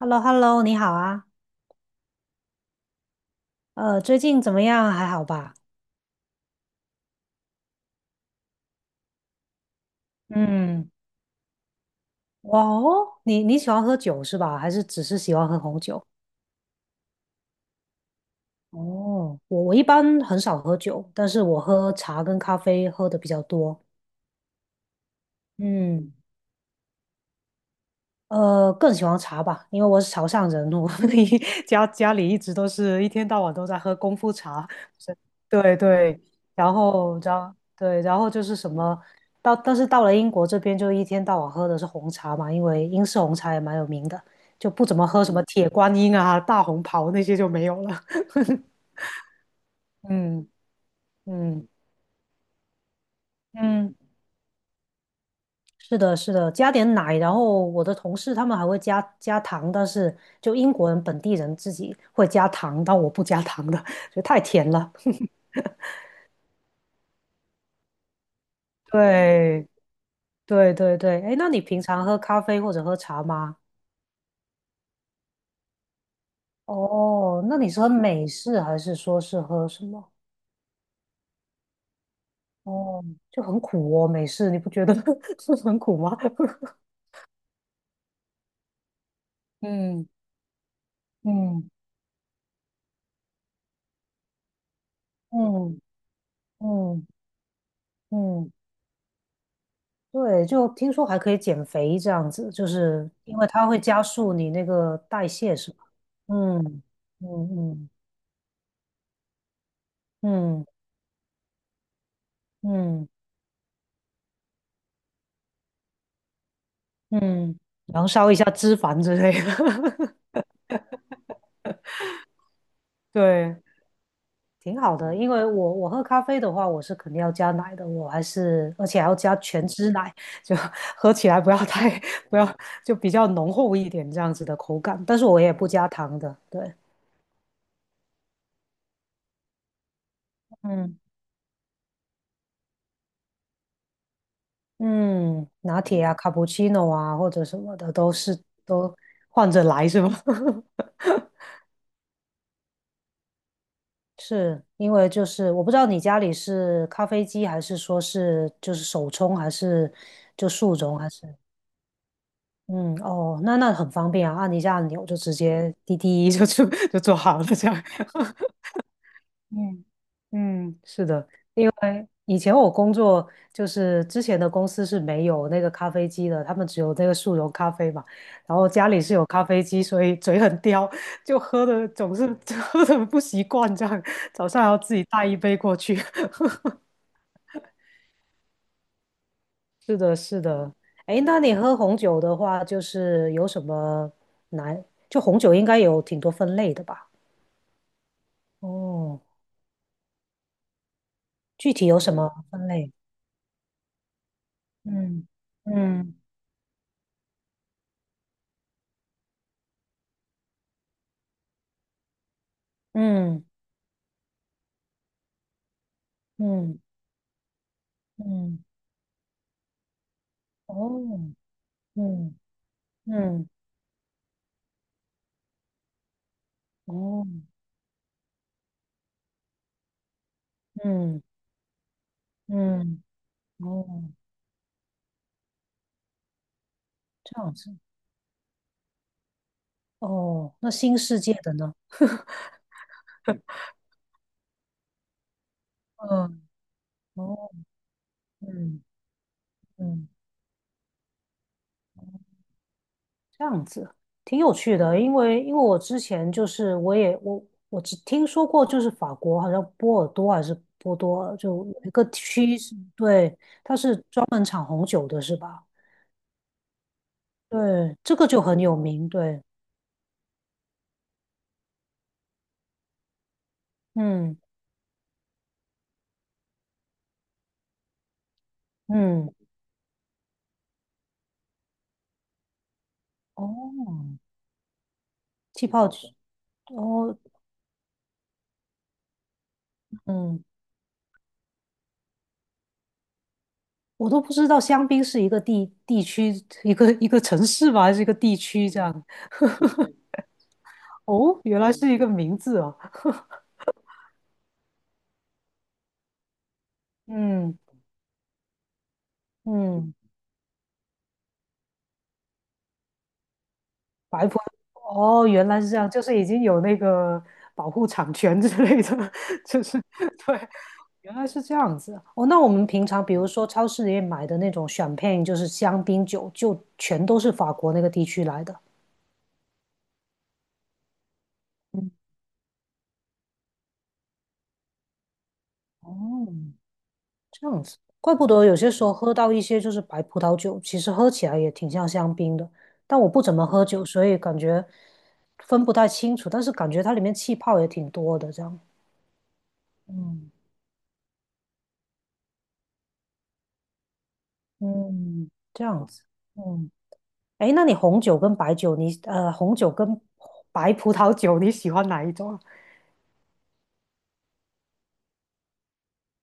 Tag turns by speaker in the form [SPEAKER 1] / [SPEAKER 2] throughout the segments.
[SPEAKER 1] h e l l o h e l l o 你好啊，最近怎么样？还好吧？嗯。哇哦，你喜欢喝酒是吧？还是只是喜欢喝红酒？哦，我一般很少喝酒，但是我喝茶跟咖啡喝的比较多。嗯。更喜欢茶吧，因为我是潮汕人，我 一家里一直都是一天到晚都在喝功夫茶。是。对对。然后对，然后就是什么。但是到了英国这边就一天到晚喝的是红茶嘛，因为英式红茶也蛮有名的，就不怎么喝什么铁观音啊、大红袍那些就没有了。嗯嗯嗯。是的，是的，加点奶，然后我的同事他们还会加糖，但是就英国人本地人自己会加糖，但我不加糖的，觉得太甜了。对，对对对。哎，那你平常喝咖啡或者喝茶吗？哦，那你是喝美式还是说是喝什么？哦，就很苦哦，美式，你不觉得 是很苦吗？嗯嗯嗯嗯嗯嗯。对，就听说还可以减肥这样子，就是因为它会加速你那个代谢，是吧？嗯嗯嗯嗯嗯嗯，燃烧一下脂肪之类的，对，挺好的。因为我喝咖啡的话，我是肯定要加奶的，我还是而且还要加全脂奶，就 喝起来不要太不要就比较浓厚一点这样子的口感，但是我也不加糖的。对。嗯。嗯，拿铁啊、卡布奇诺啊，或者什么的，都换着来是吧？是因为就是我不知道你家里是咖啡机还是说是就是手冲还是就速溶还是。嗯哦，那很方便啊，按一下按钮就直接滴滴就做好了这样。嗯嗯，是的。因为以前我工作就是之前的公司是没有那个咖啡机的，他们只有那个速溶咖啡嘛，然后家里是有咖啡机，所以嘴很刁，就喝的总是 喝的不习惯，这样早上还要自己带一杯过去。是的，是的。哎，那你喝红酒的话，就是有什么难？就红酒应该有挺多分类的吧？哦，具体有什么分类？嗯嗯嗯嗯。嗯。哦。嗯嗯。哦。嗯嗯。哦，这样子。哦，那新世界的呢？嗯。哦。嗯嗯，这样子，挺有趣的，因为我之前就是我也我只听说过，就是法国好像波尔多还是波多尔，就有一个区是，对，它是专门产红酒的，是吧？对，这个就很有名，对。嗯嗯。哦，气泡酒。哦。嗯，我都不知道香槟是一个地区，一个城市吧，还是一个地区这样？哦，原来是一个名字啊。嗯嗯。白葡哦，原来是这样，就是已经有那个保护产权之类的，就是 对，原来是这样子啊。哦，那我们平常比如说超市里面买的那种 就是香槟酒，就全都是法国那个地区来的。嗯哦，这样子，怪不得有些时候喝到一些就是白葡萄酒，其实喝起来也挺像香槟的。但我不怎么喝酒，所以感觉分不太清楚。但是感觉它里面气泡也挺多的，这样。嗯嗯，这样子。嗯。哎，那你红酒跟白酒，你红酒跟白葡萄酒，你喜欢哪一种啊？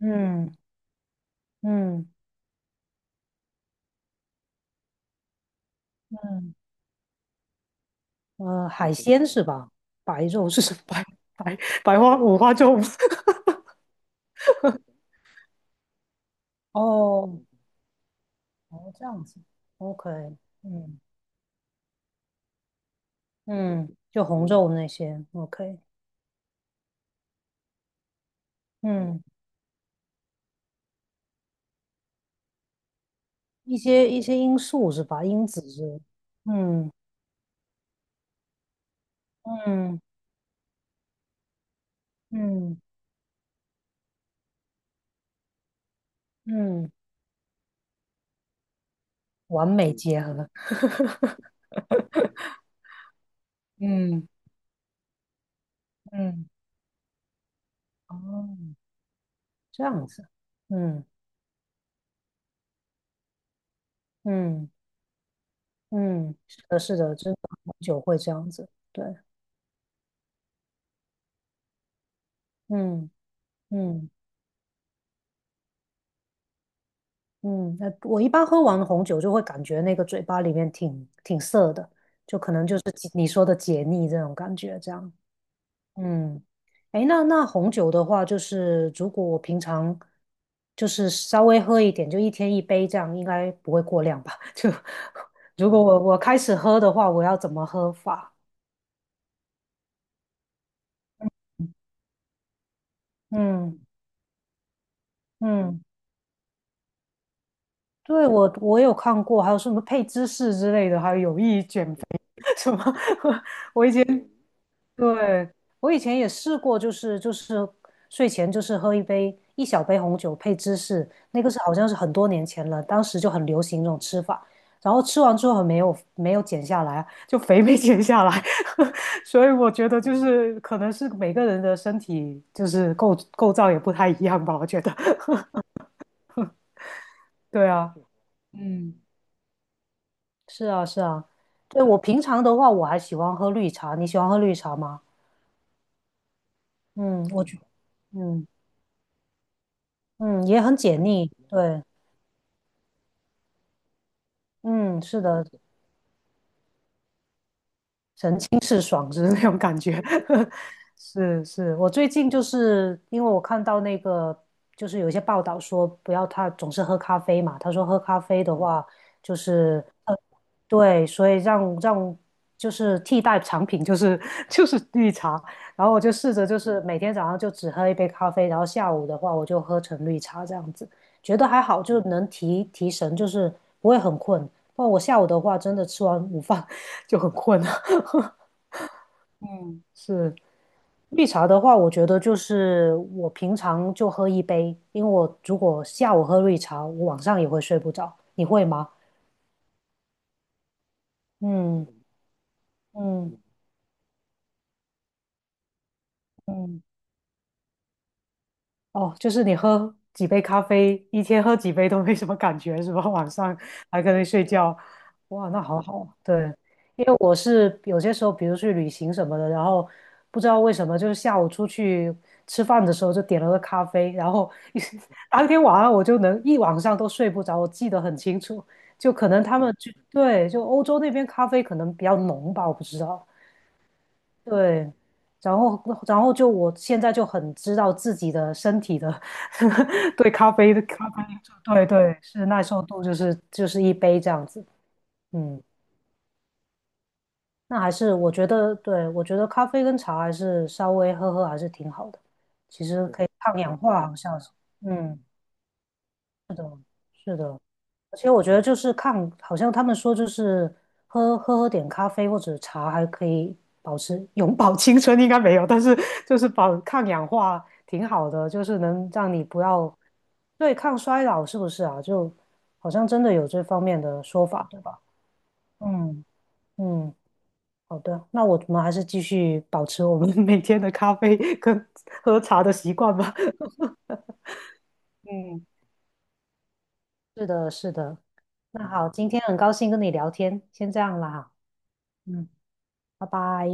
[SPEAKER 1] 嗯嗯嗯。海鲜是吧？白肉是 什么？白白白花五花肉吗？ 哦哦，这样子，OK。嗯嗯，就红肉那些，OK。嗯，一些因素是吧？因子是。嗯嗯嗯嗯，完美结合。嗯嗯。哦，这样子。嗯嗯嗯，是的，是的，真的红酒会这样子，对。嗯嗯嗯。那我一般喝完红酒就会感觉那个嘴巴里面挺涩的，就可能就是你说的解腻这种感觉，这样。嗯。诶，那红酒的话，就是如果我平常就是稍微喝一点，就一天一杯这样，应该不会过量吧？就如果我开始喝的话，我要怎么喝法？嗯嗯。对，我有看过，还有什么配芝士之类的，还有有益减肥 什么。我以前对，我以前也试过，就是睡前就是喝一小杯红酒配芝士，那个是好像是很多年前了，当时就很流行这种吃法，然后吃完之后很没有减下来啊，就肥没减下来，所以我觉得就是可能是每个人的身体就是构造也不太一样吧，我觉得。对啊。嗯，是啊是啊。对，我平常的话我还喜欢喝绿茶，你喜欢喝绿茶吗？嗯。嗯嗯也很解腻，对。嗯，是的，神清气爽就是那种感觉。是是，我最近就是因为我看到那个，就是有一些报道说不要他总是喝咖啡嘛，他说喝咖啡的话就是对，所以让就是替代产品就是 就是绿茶，然后我就试着就是每天早上就只喝一杯咖啡，然后下午的话我就喝成绿茶这样子，觉得还好，就能提神，就是不会很困。不然我下午的话真的吃完午饭。就很困啊。嗯。是。绿茶的话，我觉得就是我平常就喝一杯，因为我如果下午喝绿茶，我晚上也会睡不着。你会吗？嗯嗯嗯。哦，就是你喝几杯咖啡，一天喝几杯都没什么感觉，是吧？晚上还可以睡觉，哇，那好好啊。对。因为我是有些时候，比如去旅行什么的，然后不知道为什么，就是下午出去吃饭的时候就点了个咖啡，然后 当天晚上我就能一晚上都睡不着，我记得很清楚。就可能他们就。对，就欧洲那边咖啡可能比较浓吧，我不知道。对，然后然后就我现在就很知道自己的身体的 对咖啡的咖啡因素。对对，是耐受度，就是一杯这样子。嗯。那还是我觉得，对，我觉得咖啡跟茶还是稍微喝喝还是挺好的，其实可以抗氧化，好像是。嗯，是的。而且我觉得就是抗，好像他们说就是喝点咖啡或者茶还可以保持永葆青春，应该没有，但是就是保抗氧化挺好的，就是能让你不要对抗衰老，是不是啊？就好像真的有这方面的说法，对吧？嗯嗯。好的，那我们还是继续保持我们 每天的咖啡跟喝茶的习惯吧。嗯，是的，是的。那好，今天很高兴跟你聊天，先这样啦哈。嗯。拜拜。